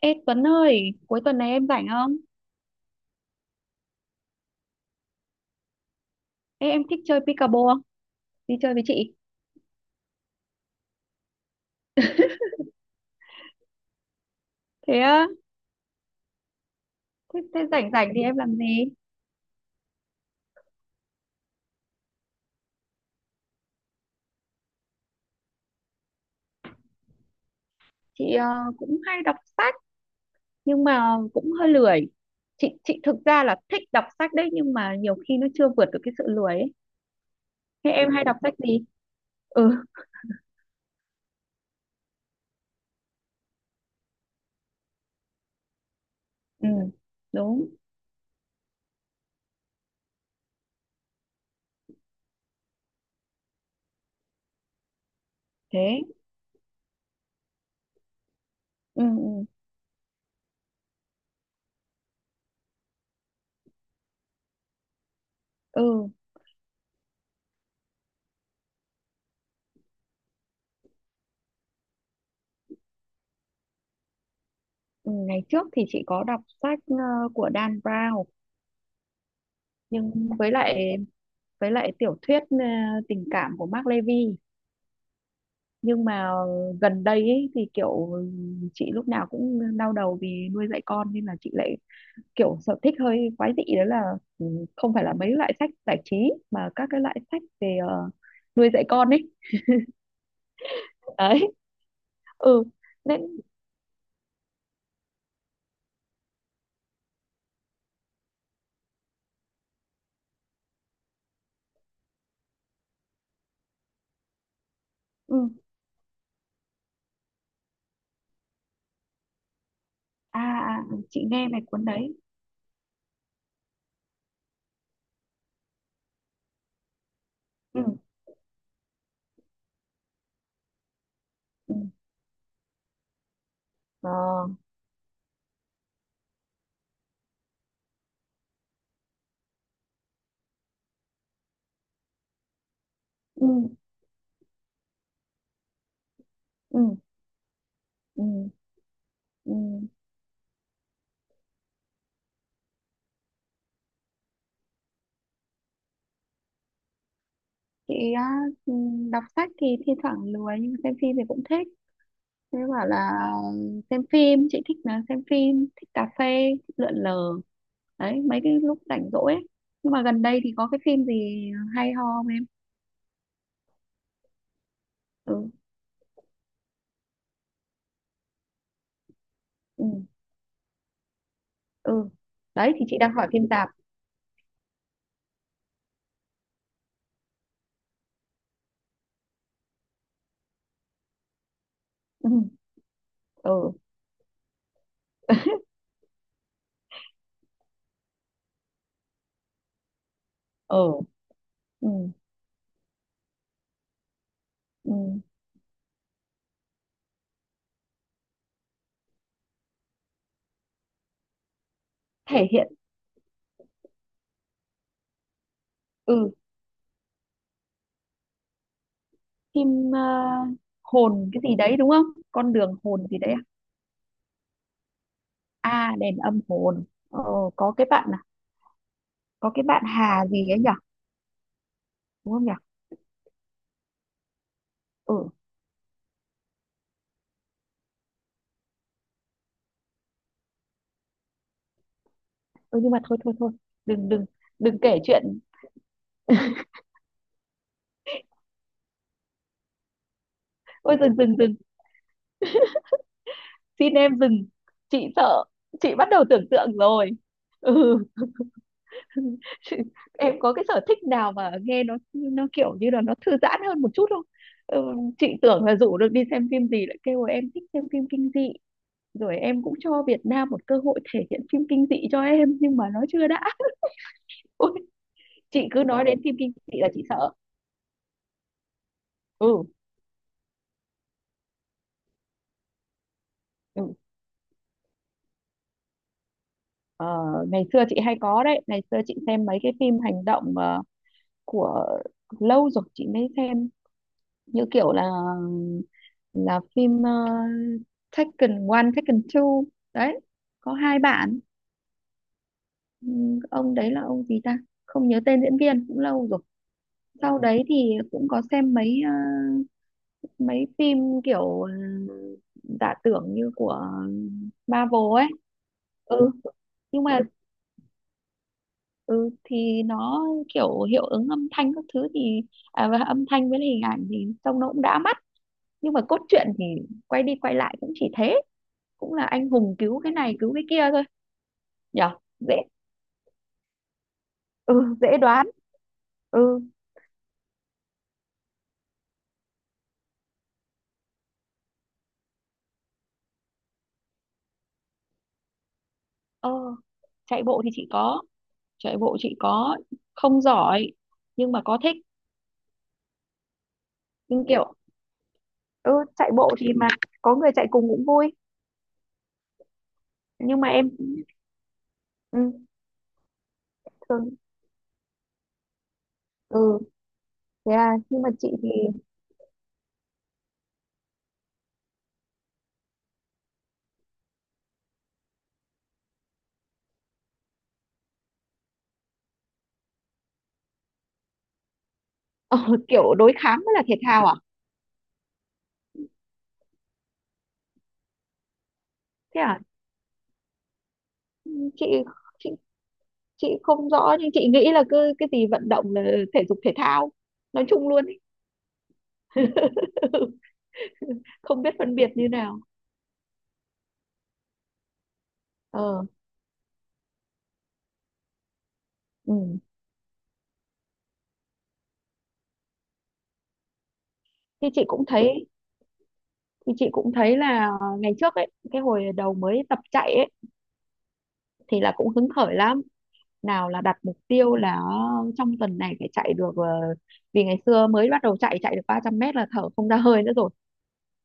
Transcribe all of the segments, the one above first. Ê Tuấn ơi, cuối tuần này em rảnh không? Ê, em thích chơi pickleball không? Đi chơi với chị. Thế á? Thế rảnh rảnh thì em làm gì? Chị cũng hay đọc sách nhưng mà cũng hơi lười. Chị thực ra là thích đọc sách đấy, nhưng mà nhiều khi nó chưa vượt được cái sự lười ấy. Thế em hay đọc sách gì? Ừ, ừ, đúng. Thế. Ừ, ừ, ừ. Ừ, ngày trước thì chị có đọc sách của Dan Brown, nhưng với lại tiểu thuyết tình cảm của Mark Levy, nhưng mà gần đây ấy, thì kiểu chị lúc nào cũng đau đầu vì nuôi dạy con, nên là chị lại kiểu sở thích hơi quái dị, đó là không phải là mấy loại sách giải trí mà các cái loại sách về nuôi dạy con ấy. Đấy. Ừ, nên ừ. À, à ừ, chị nghe về cuốn đấy. Ừ. Ừ. Ờ, ừ, ừ, ừ, ừ. Chị á, ừ, đọc sách thì thi thoảng lười, nhưng xem phim thì cũng thích. Thế bảo là xem phim chị thích là xem phim, thích cà phê, thích lượn lờ, đấy mấy cái lúc rảnh rỗi ấy. Nhưng mà gần đây thì có cái phim gì hay ho không em? Ừ. Ừ. Ừ. Đấy thì chị đang hỏi phim tạp. Ừ. Ừ. Ừ. Ừ, ừ. Thể hiện. Ừ. Phim hồn cái gì đấy đúng không? Con đường hồn gì đấy à? À, đèn âm hồn. Ờ, có cái bạn à, có cái bạn Hà gì ấy nhỉ, đúng không nhỉ? Ừ, ừ, nhưng mà thôi thôi thôi, đừng đừng đừng kể chuyện. Ôi, dừng dừng dừng, xin em dừng, chị sợ, chị bắt đầu tưởng tượng rồi. Ừ. Chị- em có cái sở thích nào mà nghe nó kiểu như là nó thư giãn hơn một chút không? Ừ, chị tưởng là rủ được đi xem phim gì, lại kêu là em thích xem phim kinh dị, rồi em cũng cho Việt Nam một cơ hội thể hiện phim kinh dị cho em nhưng mà nó chưa đã. Ôi, chị cứ nói đến phim kinh dị là chị sợ. Ừ, ừ. Ờ, ngày xưa chị hay có đấy, ngày xưa chị xem mấy cái phim hành động của, lâu rồi chị mới xem, như kiểu là phim Taken 1, Taken 2, đấy có hai bạn. Ông đấy là ông gì ta, không nhớ tên diễn viên, cũng lâu rồi. Sau đấy thì cũng có xem mấy mấy phim kiểu giả tưởng như của Marvel ấy. Ừ, nhưng mà ừ thì nó kiểu hiệu ứng âm thanh các thứ thì, à, và âm thanh với hình ảnh thì trông nó cũng đã mắt, nhưng mà cốt truyện thì quay đi quay lại cũng chỉ thế, cũng là anh hùng cứu cái này cứu cái kia thôi. Nhở, dễ. Ừ, dễ đoán. Ừ. Ờ, chạy bộ thì chị có, chạy bộ chị có, không giỏi nhưng mà có thích. Nhưng kiểu, ừ, chạy bộ thì mà có người chạy cùng cũng vui. Nhưng mà em, ừ, thường. Ừ, thế à. Nhưng mà chị thì ờ, kiểu đối kháng mới là thể thao à? Thế à. Ừ, chị chị chị không rõ, nhưng chị nghĩ là cứ cái gì vận động là thể dục thể thao nói chung luôn ý. Không biết phân biệt như nào. Ờ. Ừ. Thì chị cũng thấy, là ngày trước ấy, cái hồi đầu mới tập chạy ấy, thì là cũng hứng khởi lắm, nào là đặt mục tiêu là trong tuần này phải chạy được vì ngày xưa mới bắt đầu chạy, chạy được 300 mét là thở không ra hơi nữa rồi,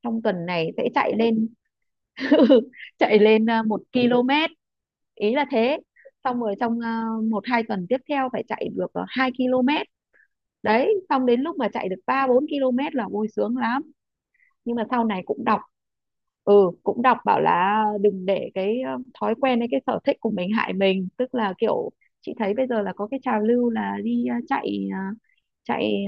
trong tuần này sẽ chạy lên, chạy lên một km, ý là thế, xong rồi trong một hai tuần tiếp theo phải chạy được 2 km, đấy xong đến lúc mà chạy được 3 4 km là vui sướng lắm. Nhưng mà sau này cũng đọc, ừ, cũng đọc bảo là đừng để cái thói quen hay cái sở thích của mình hại mình, tức là kiểu, chị thấy bây giờ là có cái trào lưu là đi chạy chạy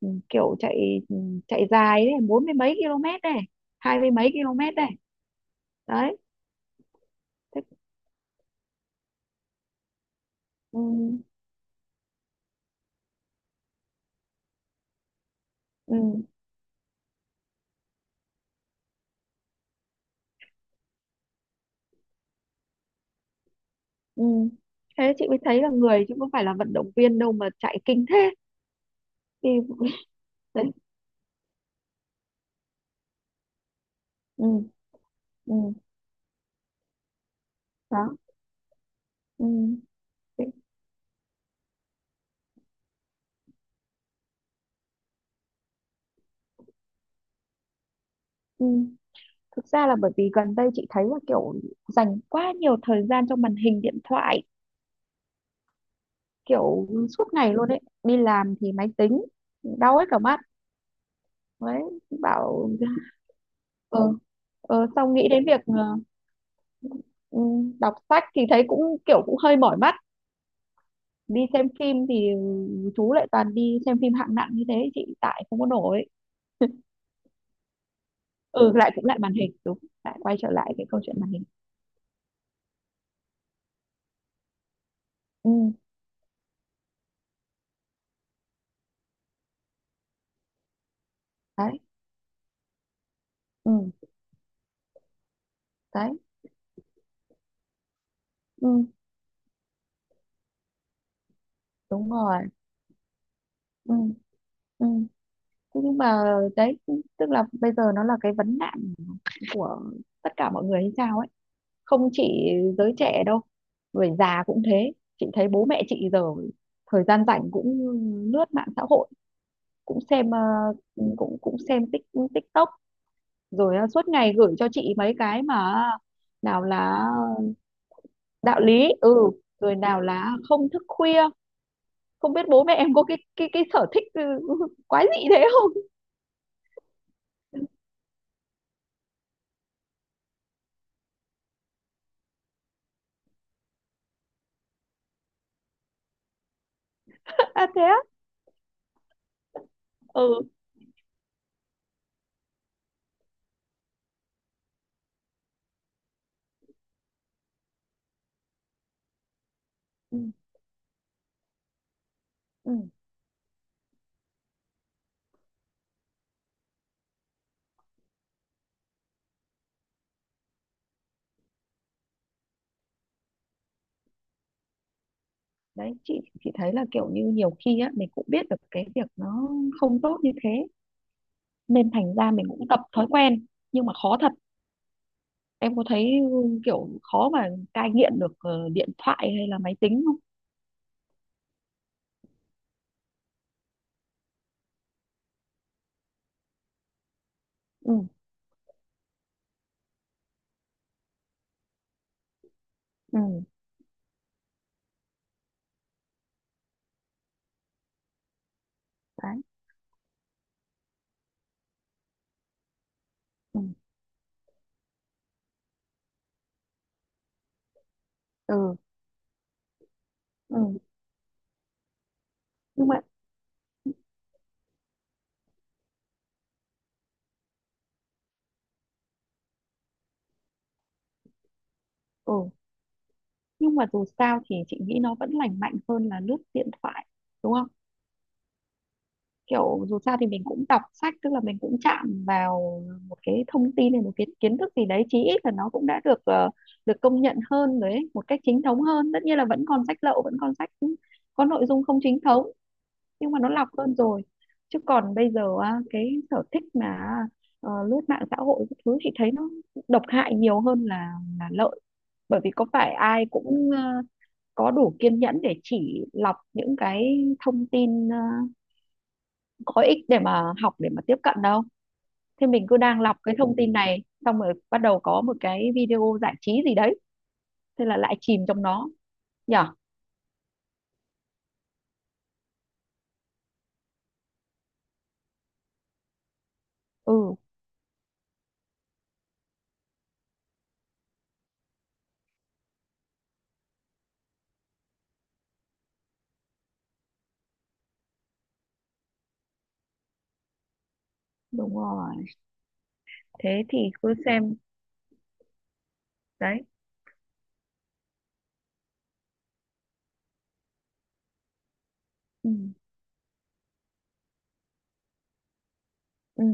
kiểu chạy chạy dài đấy, bốn mươi mấy km này, hai mươi mấy km này. Đấy. Thế, ừ, ừ, ừ. Thế chị mới thấy là người chứ không phải là vận động viên đâu mà chạy kinh thế. Thì, đấy, ừ, ừ, đó. Ừ, thế, ừ. Thực ra là bởi vì gần đây chị thấy là kiểu dành quá nhiều thời gian cho màn hình điện thoại, kiểu suốt ngày luôn ấy, đi làm thì máy tính, đau hết cả mắt, đấy, bảo, ờ. Ờ, xong nghĩ đến việc ừ, đọc sách thì thấy cũng kiểu cũng hơi mỏi mắt, đi xem phim thì chú lại toàn đi xem phim hạng nặng như thế, chị tại không có nổi. Ừ, lại cũng lại màn hình đúng, lại quay trở lại cái câu chuyện màn hình. Ừ. Đấy. Ừ. Đấy. Ừ. Đúng rồi. Ừ. Ừ. Thế nhưng mà, đấy, tức là bây giờ nó là cái vấn nạn của tất cả mọi người hay sao ấy, không chỉ giới trẻ đâu, người già cũng thế. Chị thấy bố mẹ chị giờ thời gian rảnh cũng lướt mạng xã hội, cũng xem ờ, cũng cũng xem TikTok, rồi suốt ngày gửi cho chị mấy cái mà nào là đạo lý, ừ, rồi nào là không thức khuya. Không biết bố mẹ em có cái cái sở thích quái dị thế không. À thế á. Ừ. Ừ. Ừ. Đấy, chị thấy là kiểu như nhiều khi á, mình cũng biết được cái việc nó không tốt như thế, nên thành ra mình cũng tập thói quen. Nhưng mà khó thật, em có thấy, ừ, kiểu khó mà cai nghiện được điện thoại hay là máy tính không? Ừ. Ừ. Đấy. Ừ. Ừ, ừ. Nhưng mà ừ, nhưng mà dù sao thì chị nghĩ nó vẫn lành mạnh hơn là lướt điện thoại, đúng không? Kiểu dù sao thì mình cũng đọc sách, tức là mình cũng chạm vào một cái thông tin này, một cái kiến thức gì đấy, chí ít là nó cũng đã được được công nhận hơn đấy, một cách chính thống hơn. Tất nhiên là vẫn còn sách lậu, vẫn còn sách có nội dung không chính thống, nhưng mà nó lọc hơn rồi. Chứ còn bây giờ á, cái sở thích mà lướt mạng xã hội các thứ, chị thấy nó độc hại nhiều hơn là lợi, bởi vì có phải ai cũng có đủ kiên nhẫn để chỉ lọc những cái thông tin có ích để mà học, để mà tiếp cận đâu. Thế mình cứ đang lọc cái thông tin này, xong rồi bắt đầu có một cái video giải trí gì đấy, thế là lại chìm trong nó, nhở. Ừ. Đúng rồi. Thế thì cứ xem. Đấy. Ừ. Ừ.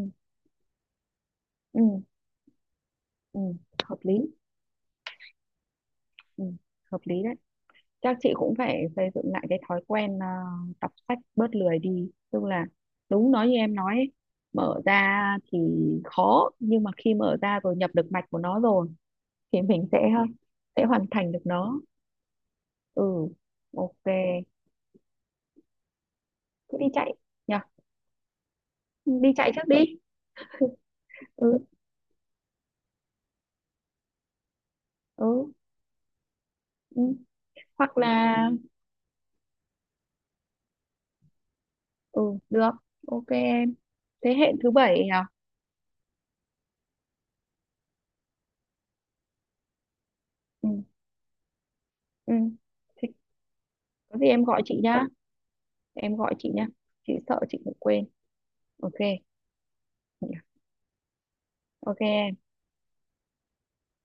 Ừ. Ừ, hợp lý. Ừ, hợp lý đấy. Chắc chị cũng phải xây dựng lại cái thói quen đọc sách, bớt lười đi. Tức là đúng nói như em nói ấy, mở ra thì khó, nhưng mà khi mở ra rồi, nhập được mạch của nó rồi, thì mình sẽ sẽ hoàn thành được nó. Ừ, ok, cứ đi chạy nhỉ, đi chạy trước đi. Ừ, ừ, ừ. Hoặc là, ừ, được, ok em. Thế hệ thứ bảy nhỉ? Ừ. Ừ. Thế có gì em gọi chị nhá, em gọi chị nhá, chị sợ chị cũng quên. Ok. Ok em.